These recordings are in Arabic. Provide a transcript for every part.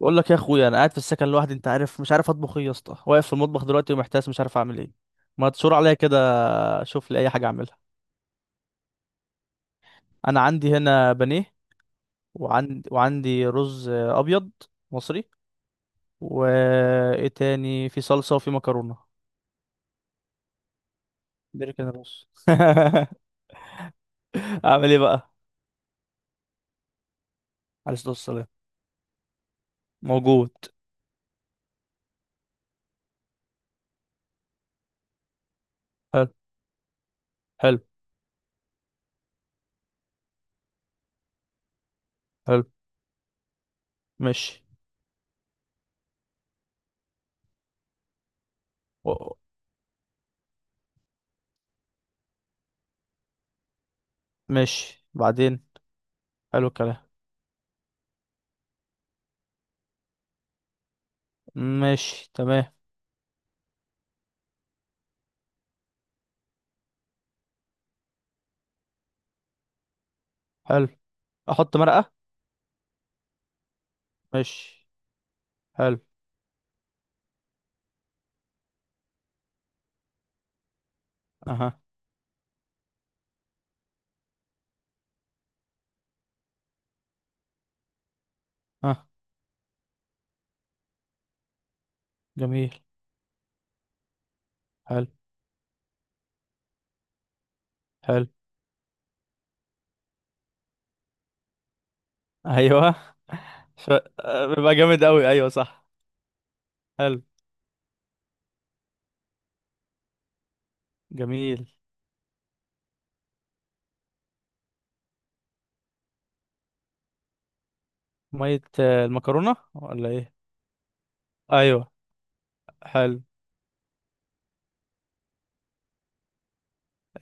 بقول لك يا اخويا، انا قاعد في السكن لوحدي. انت عارف مش عارف اطبخ ايه يا اسطى. واقف في المطبخ دلوقتي ومحتاس مش عارف اعمل ايه. ما تشور عليا كده. شوف لي اي حاجه اعملها. انا عندي هنا بانيه. وعندي رز ابيض. مصري. وايه تاني؟ في صلصه وفي مكرونه. بركن الرز. اعمل ايه بقى؟ عليه الصلاه والسلام. موجود. حلو. حلو. حلو. ماشي. و- ماشي بعدين. حلو الكلام. ماشي تمام. حلو. احط مرقه؟ ماشي. حلو. اها. اه. جميل. حلو. حلو. ايوه. ف... بيبقى جامد قوي، ايوه صح. حلو. جميل. مية المكرونة، ولا ايه؟ ايوه. حلو.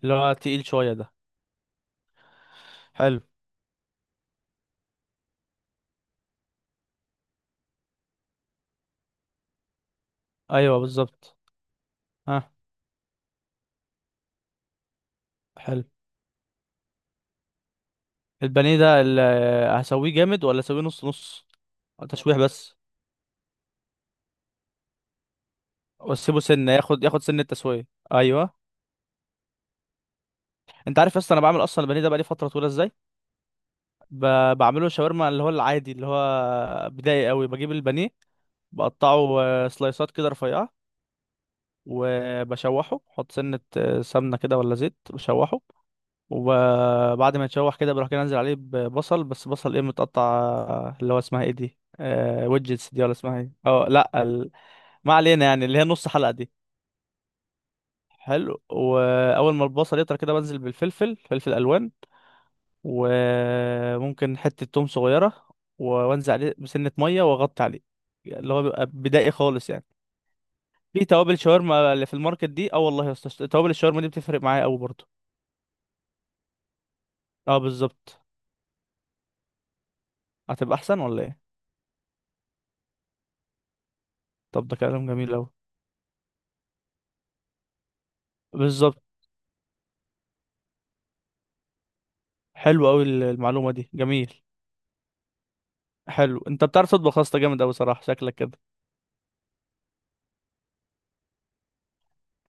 اللي هو تقيل شوية ده؟ حلو. ايوه بالظبط. ها. حلو. البانيه ده هسويه جامد ولا اسويه نص نص؟ تشويح بس. واسيبه سنة ياخد سنة تسوية؟ ايوه. انت عارف اصلا انا بعمل اصلا البانيه ده بقالي فترة طويلة ازاي؟ ب... بعمله شاورما، اللي هو العادي، اللي هو بدائي قوي. بجيب البانيه، بقطعه سلايسات كده رفيعة. وبشوحه، بحط سنة سمنة كده ولا زيت، بشوحه. وبعد ما يتشوح كده، بروح كده انزل عليه ببصل، بس بصل ايه؟ متقطع اللي هو اسمها ايه دي؟ ويدجتس دي، ولا اسمها ايه؟ اه لا ما علينا. يعني اللي هي نص حلقة دي. حلو. واول ما البصل يطرى كده بنزل بالفلفل، فلفل الوان. وممكن حتة توم صغيرة. وانزل عليه بسنة مية واغطي عليه. اللي هو بيبقى بدائي خالص يعني. في توابل شاورما اللي في الماركت دي، اه والله يا اسطى، توابل الشاورما دي بتفرق معايا قوي برضه. اه بالظبط. هتبقى احسن ولا ايه؟ طب ده كلام جميل قوي. بالظبط. حلو قوي المعلومه دي، جميل. حلو، انت بتعرف تطبخ يا اسطى جامد قوي صراحه شكلك كده.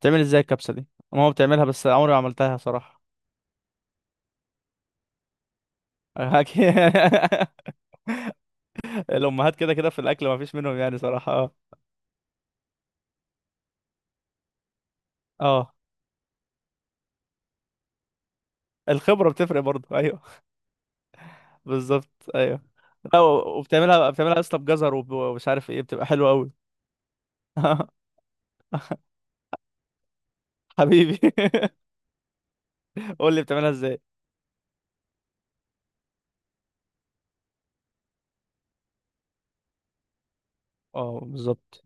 بتعمل ازاي الكبسه دي؟ ماما بتعملها بس عمري ما عملتها صراحه. أكيد. الامهات كده كده في الاكل ما فيش منهم يعني صراحه، اه. اه. الخبره بتفرق برضه. ايوه. بالظبط، ايوه. لا، وبتعملها يا اسطى بجزر ومش عارف ايه، بتبقى حلوه قوي. حبيبي قول لي بتعملها ازاي. اه بالظبط.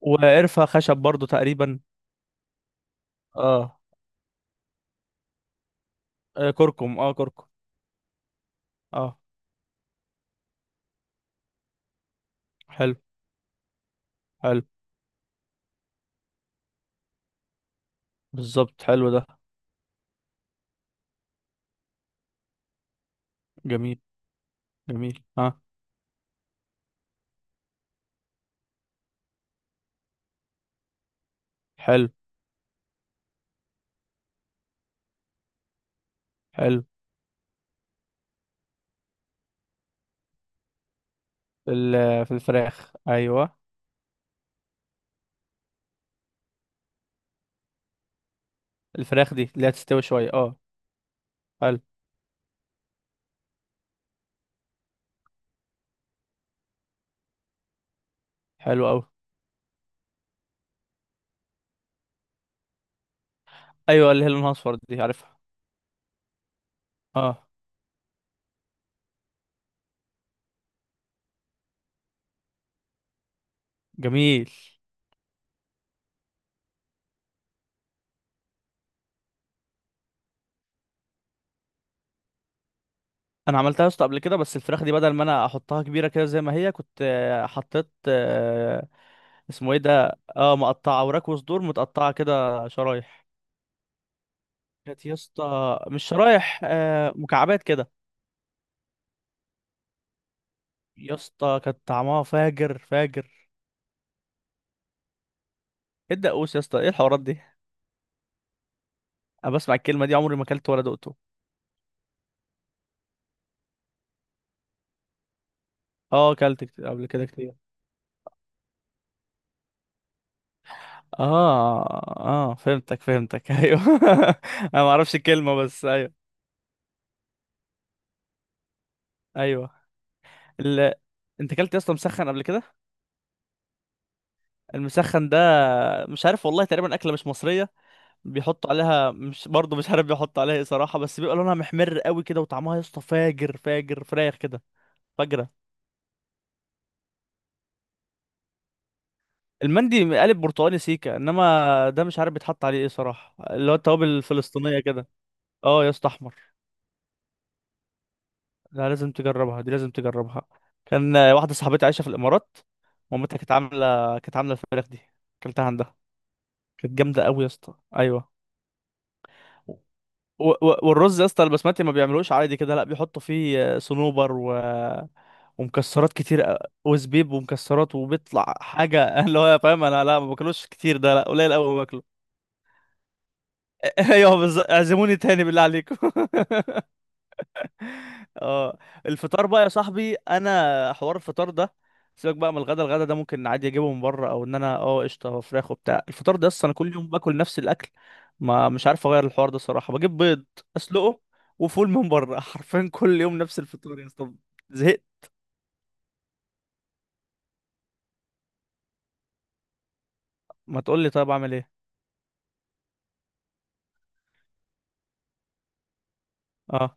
وقرفة خشب برضو تقريبا. اه. كركم، اه كركم. اه. حلو. حلو. بالظبط حلو ده. جميل. جميل، اه. حلو. حلو. في الفراخ، ايوه. الفراخ دي اللي هتستوي شويه، اه. حلو. حلو قوي. ايوه، اللي هي لونها اصفر دي، عارفها. اه. جميل. انا عملتها يا اسطى قبل كده، بس الفراخ دي بدل ما انا احطها كبيره كده زي ما هي، كنت حطيت اسمه ايه ده؟ اه، مقطعه. وراك وصدور متقطعه كده شرايح. كانت يا اسطى مش شرايح، مكعبات كده. يا اسطى كانت طعمها فاجر فاجر. ايه الدقوس يا اسطى؟ ايه الحوارات دي؟ انا بسمع الكلمه دي عمري ما اكلت ولا دقته. اه، اكلت قبل كده كتير. اه. اه فهمتك فهمتك. ايوه. انا ما اعرفش الكلمه بس، ايوه. ايوه. ال... انت اكلت يا اسطى مسخن قبل كده؟ المسخن ده، مش عارف والله، تقريبا اكله مش مصريه. بيحطوا عليها، مش برضه مش عارف بيحطوا عليها ايه صراحه، بس بيبقى لونها محمر قوي كده وطعمها يا اسطى فاجر فاجر، فراخ كده. فجرة. المندي قالب برتقاني سيكا، انما ده مش عارف بيتحط عليه ايه صراحه، اللي هو التوابل الفلسطينيه كده. اه يا اسطى، احمر. ده لازم تجربها، دي لازم تجربها. كان واحده صاحبتي عايشه في الامارات. مامتها كانت عامله الفراخ دي. اكلتها عندها. كانت جامده قوي يا اسطى، ايوه. و... و... والرز يا اسطى البسمتي ما بيعملوش عادي كده، لا بيحطوا فيه صنوبر ومكسرات كتير وزبيب ومكسرات، وبيطلع حاجه اللي هو فاهم. انا لا ما باكلوش كتير ده، لا قليل قوي. ايوه بالظبط، اعزموني تاني بالله عليكم. اه. الفطار بقى يا صاحبي، انا حوار الفطار ده. سيبك بقى من الغدا. الغدا ده ممكن عادي اجيبه من بره، او ان انا، قشطه، هو فراخ وبتاع. الفطار ده اصلا انا كل يوم باكل نفس الاكل. ما مش عارف اغير الحوار ده الصراحه، بجيب بيض اسلقه وفول من بره. حرفيا كل يوم نفس الفطار يا اسطى. زهقت. ما تقول لي طيب اعمل ايه؟ اه.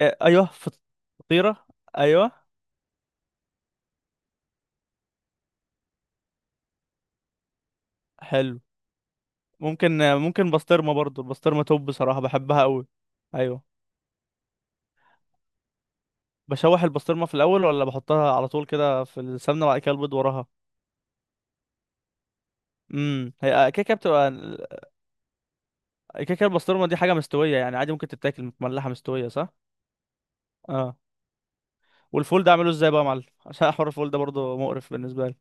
إيه، ايوه فطيره. ايوه. حلو. ممكن بسطرمه برضو. البسطرمه توب بصراحه، بحبها قوي. ايوه. بشوح البسطرمه في الاول، ولا بحطها على طول كده في السمنه وبعد كده البيض وراها؟ هي كيكه بتبقى. كيكه البسطرمه دي حاجه مستويه يعني، عادي ممكن تتاكل متملحه مستويه صح؟ اه. والفول ده اعمله ازاي بقى يا معلم؟ عشان حوار الفول ده برضو مقرف بالنسبه لي.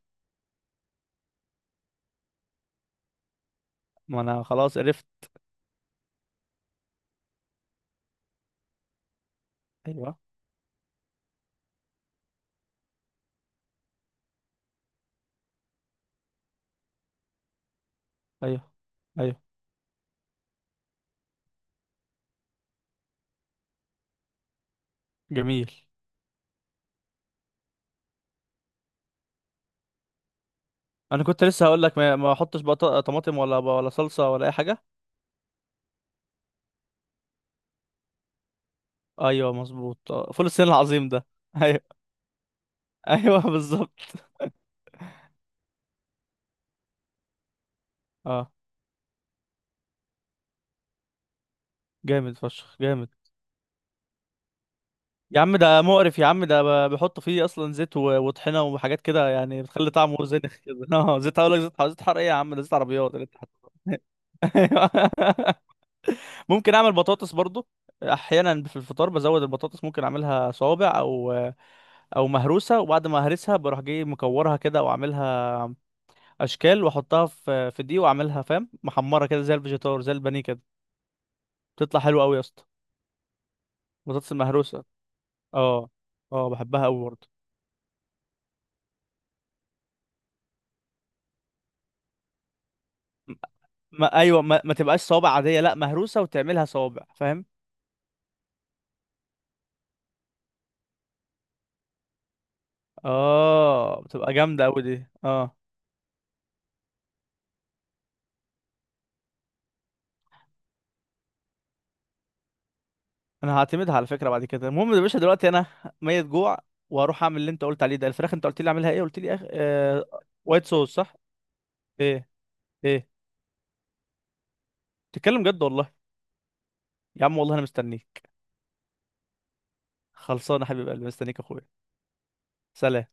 ما انا خلاص عرفت. ايوه، ايوه، ايوه. جميل. انا كنت لسه هقول لك ما احطش بقى طماطم ولا صلصه، ولا اي حاجه. ايوه مظبوط، فول الصين العظيم ده. ايوه. ايوه بالظبط. اه. جامد فشخ جامد. يا عم ده مقرف، يا عم ده بيحطوا فيه اصلا زيت وطحينه وحاجات كده يعني بتخلي طعمه زينخ كده. اه زيت، هقول لك زيت. زيت حر؟ ايه يا عم ده؟ زيت عربيات اللي انت حاطه. أيوة. ممكن اعمل بطاطس برضو. احيانا في الفطار بزود البطاطس، ممكن اعملها صوابع او مهروسه، وبعد ما اهرسها بروح جاي مكورها كده واعملها اشكال، واحطها في دي واعملها فاهم، محمره كده زي الفيجيتار، زي البانيه كده. بتطلع حلوه قوي يا اسطى. البطاطس المهروسه. اه. اه بحبها قوي برضو. ما ايوه، ما تبقاش صوابع عاديه، لا مهروسه وتعملها صوابع فاهم. اه بتبقى جامده قوي دي، اه. انا هعتمدها على فكره بعد كده. المهم يا باشا دلوقتي انا ميت جوع، واروح اعمل اللي انت قلت عليه ده. الفراخ انت قلت لي اعملها ايه؟ قلت لي وايت صوص صح؟ ايه؟ ايه؟ تتكلم جد والله؟ يا عم والله انا مستنيك. خلصانه حبيب قلبي مستنيك يا اخويا. سلام.